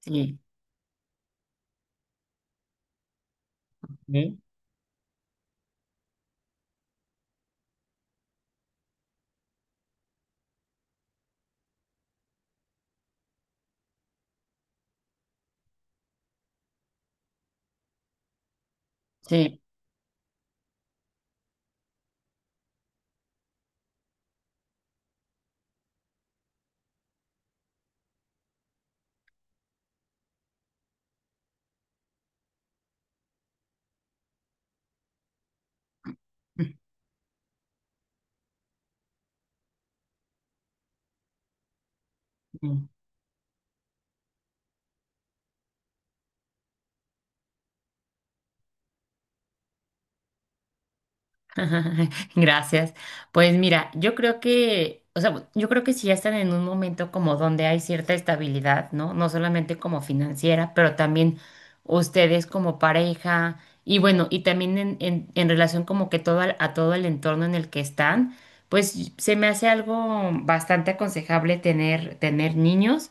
Sí, sí, sí. Ujú. Gracias. Pues mira, yo creo que, o sea, yo creo que si ya están en un momento como donde hay cierta estabilidad, ¿no? No solamente como financiera, pero también ustedes como pareja y bueno, y también en relación como que todo a todo el entorno en el que están, pues se me hace algo bastante aconsejable tener niños.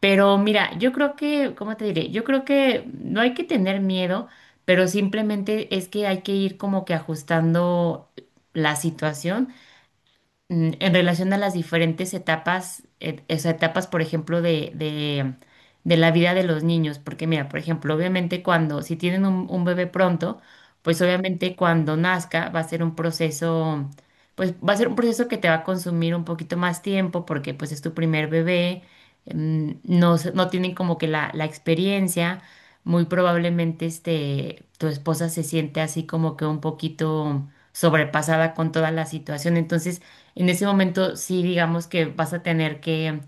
Pero mira, yo creo que, ¿cómo te diré? Yo creo que no hay que tener miedo, pero simplemente es que hay que ir como que ajustando la situación en relación a las diferentes etapas, esas etapas, por ejemplo, de la vida de los niños. Porque mira, por ejemplo, obviamente cuando, si tienen un bebé pronto, pues obviamente cuando nazca va a ser un proceso, pues va a ser un proceso que te va a consumir un poquito más tiempo porque pues es tu primer bebé, no, no tienen como que la experiencia. Muy probablemente este, tu esposa se siente así como que un poquito sobrepasada con toda la situación. Entonces, en ese momento sí digamos que vas a tener que,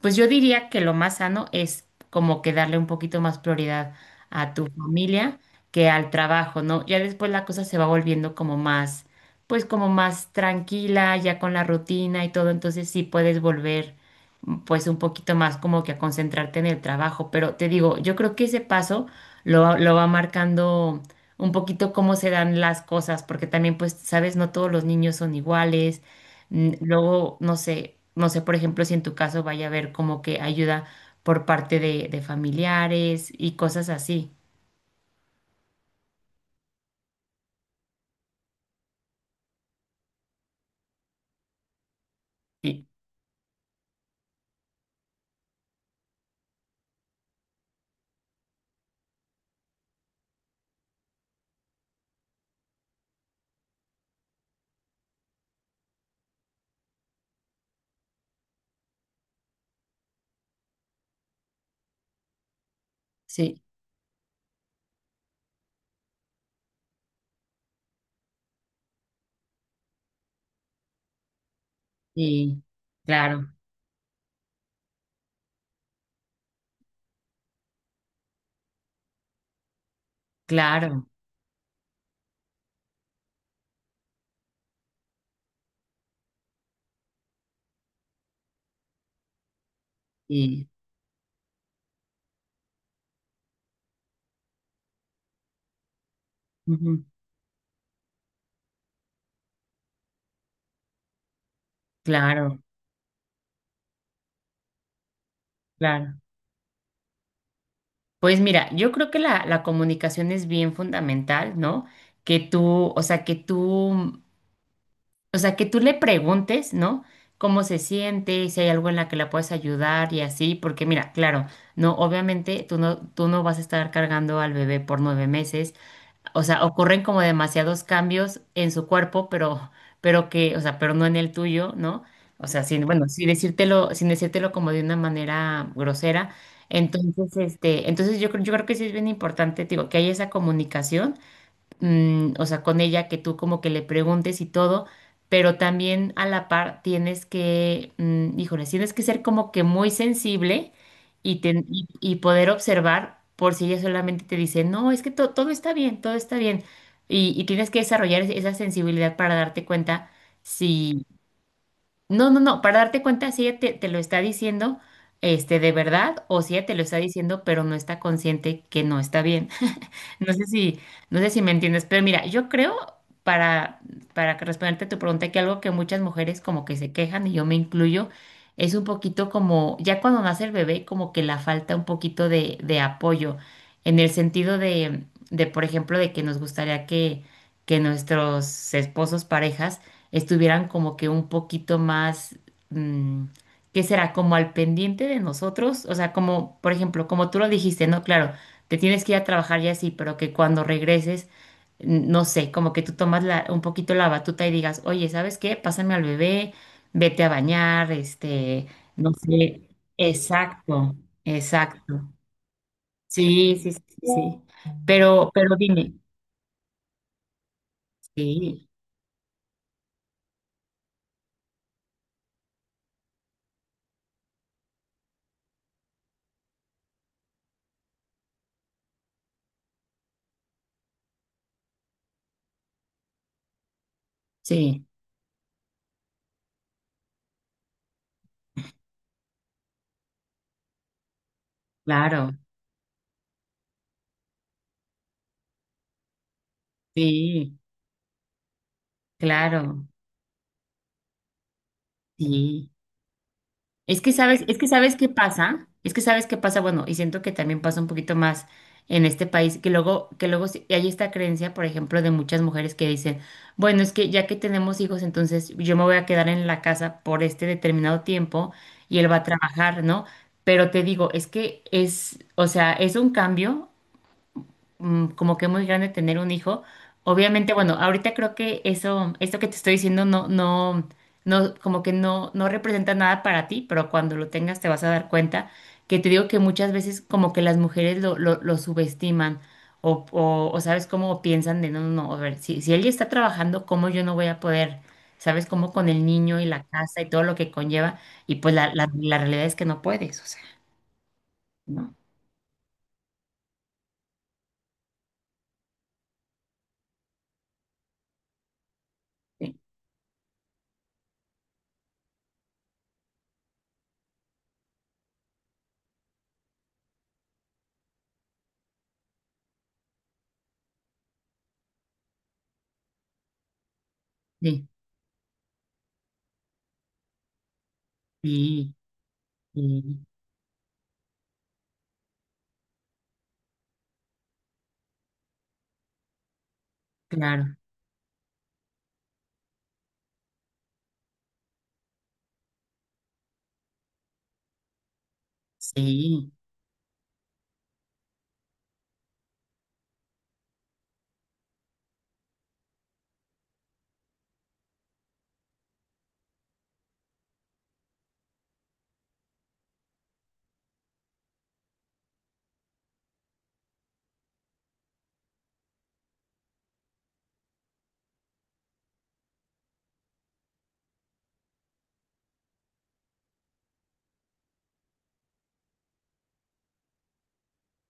pues yo diría que lo más sano es como que darle un poquito más prioridad a tu familia que al trabajo, ¿no? Ya después la cosa se va volviendo como más, pues como más tranquila, ya con la rutina y todo, entonces sí puedes volver pues un poquito más como que a concentrarte en el trabajo, pero te digo, yo creo que ese paso lo va marcando un poquito cómo se dan las cosas, porque también pues, sabes, no todos los niños son iguales. Luego, no sé, no sé, por ejemplo, si en tu caso vaya a haber como que ayuda por parte de familiares y cosas así. Sí, sí, sí, claro, claro, y ujú, claro, claro. Pues mira, yo creo que la comunicación es bien fundamental, ¿no? Que tú, o sea, que tú que tú le preguntes, ¿no? Cómo se siente, si hay algo en la que la puedes ayudar y así, porque mira, claro, no, obviamente tú no vas a estar cargando al bebé por 9 meses. O sea, ocurren como demasiados cambios en su cuerpo, pero, pero no en el tuyo, ¿no? O sea, sin, bueno, sin decírtelo como de una manera grosera. Entonces, este, entonces yo creo que sí es bien importante, digo, que haya esa comunicación o sea, con ella, que tú como que le preguntes y todo, pero también a la par tienes que, híjole, tienes que ser como que muy sensible y poder observar por si ella solamente te dice, no, es que todo está bien, todo está bien. Y tienes que desarrollar esa sensibilidad para darte cuenta si, no, no, no, para darte cuenta si ella te lo está diciendo, este, de verdad, o si ella te lo está diciendo, pero no está consciente que no está bien. No sé si, no sé si me entiendes, pero mira, yo creo, para, para que responderte a tu pregunta, que algo que muchas mujeres como que se quejan, y yo me incluyo, es un poquito como, ya cuando nace el bebé, como que la falta un poquito de apoyo, en el sentido de, por ejemplo, de que nos gustaría que nuestros esposos, parejas, estuvieran como que un poquito más, mm, ¿qué será? Como al pendiente de nosotros, o sea, como, por ejemplo, como tú lo dijiste, ¿no? Claro, te tienes que ir a trabajar ya así, pero que cuando regreses, no sé, como que tú tomas un poquito la batuta y digas, oye, ¿sabes qué? Pásame al bebé, vete a bañar, este, no sé. Exacto, exacto. Sí, sí, sí, sí, sí. Pero dime, sí, sí, claro, sí, claro, sí. Es que sabes qué pasa, bueno, y siento que también pasa un poquito más en este país, que luego hay esta creencia, por ejemplo, de muchas mujeres que dicen, bueno, es que ya que tenemos hijos, entonces yo me voy a quedar en la casa por este determinado tiempo y él va a trabajar, ¿no? Pero te digo, es que es, o sea, es un cambio como que muy grande tener un hijo. Obviamente, bueno, ahorita creo que eso, esto que te estoy diciendo no, no, no, como que no representa nada para ti, pero cuando lo tengas te vas a dar cuenta que te digo que muchas veces como que las mujeres lo subestiman o sabes cómo piensan de no, no, no, a ver, si él ya está trabajando, ¿cómo yo no voy a poder? ¿Sabes? Como con el niño y la casa y todo lo que conlleva, y pues la realidad es que no puedes, o sea, ¿no? Sí, sí, sí, sí, claro. Sí,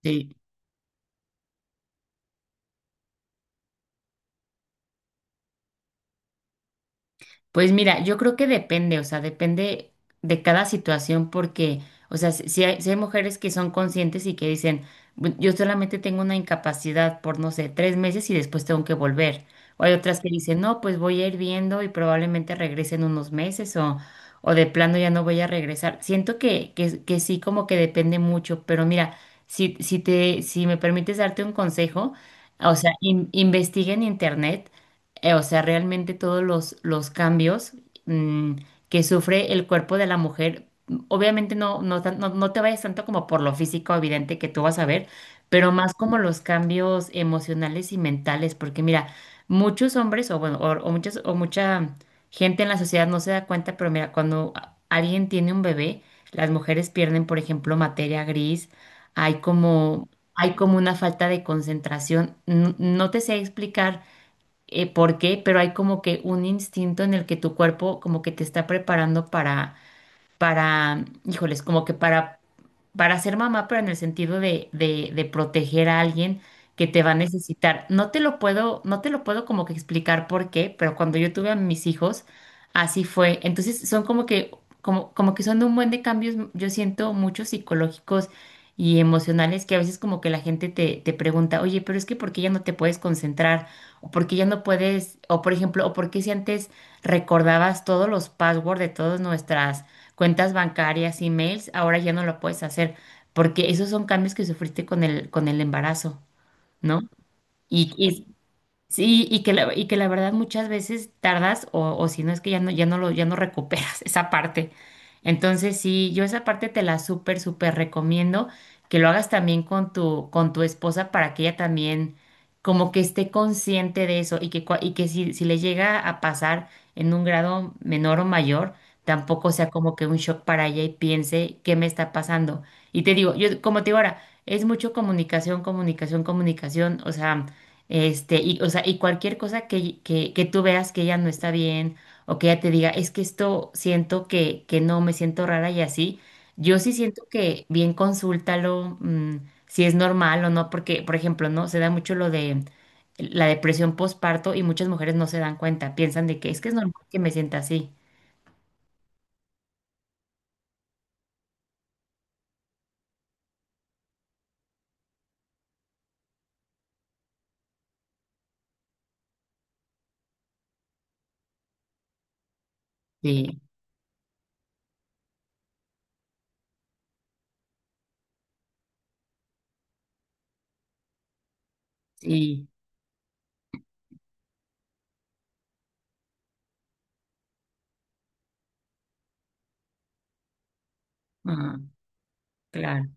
sí. Pues mira, yo creo que depende, o sea, depende de cada situación porque, o sea, si hay mujeres que son conscientes y que dicen, yo solamente tengo una incapacidad por, no sé, 3 meses y después tengo que volver". O hay otras que dicen, no, pues voy a ir viendo y probablemente regrese en unos meses o de plano ya no voy a regresar. Siento que, que sí, como que depende mucho, pero mira, si me permites darte un consejo, o sea, investiga en internet. O sea, realmente todos los cambios mm, que sufre el cuerpo de la mujer, obviamente no te vayas tanto como por lo físico evidente que tú vas a ver, pero más como los cambios emocionales y mentales, porque mira, muchos hombres o, bueno, o muchas, o mucha gente en la sociedad no se da cuenta, pero mira, cuando alguien tiene un bebé, las mujeres pierden, por ejemplo, materia gris. hay como... Hay como una falta de concentración. No te sé explicar por qué, pero hay como que un instinto en el que tu cuerpo como que te está preparando para, híjoles, como que para ser mamá, pero en el sentido de, de proteger a alguien que te va a necesitar. No te lo puedo como que explicar por qué, pero cuando yo tuve a mis hijos, así fue. Entonces son como que, como, como que son un buen de cambios, yo siento muchos psicológicos y emocionales que a veces como que la gente te pregunta, oye, pero es que ¿por qué ya no te puedes concentrar? O por qué ya no puedes, o por ejemplo, o por qué si antes recordabas todos los passwords de todas nuestras cuentas bancarias, emails, ahora ya no lo puedes hacer, porque esos son cambios que sufriste con el embarazo, ¿no? Y, sí, y que la verdad muchas veces tardas o si no es que ya no, ya no recuperas esa parte. Entonces, sí, yo esa parte te la súper, súper recomiendo que lo hagas también con tu, esposa para que ella también como que esté consciente de eso y que, y que si, si le llega a pasar en un grado menor o mayor, tampoco sea como que un shock para ella y piense qué me está pasando. Y te digo, yo como te digo ahora, es mucho comunicación, comunicación, comunicación, o sea... Este, y, o sea, y cualquier cosa que tú veas que ella no está bien o que ella te diga, es que esto siento que no me siento rara y así, yo sí siento que bien consúltalo, si es normal o no, porque, por ejemplo, ¿no? Se da mucho lo de la depresión postparto y muchas mujeres no se dan cuenta, piensan de que es normal que me sienta así. Sí, sí, ah, claro.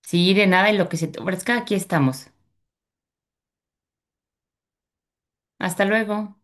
Sí, de nada, en lo que se te ofrezca, aquí estamos. Hasta luego.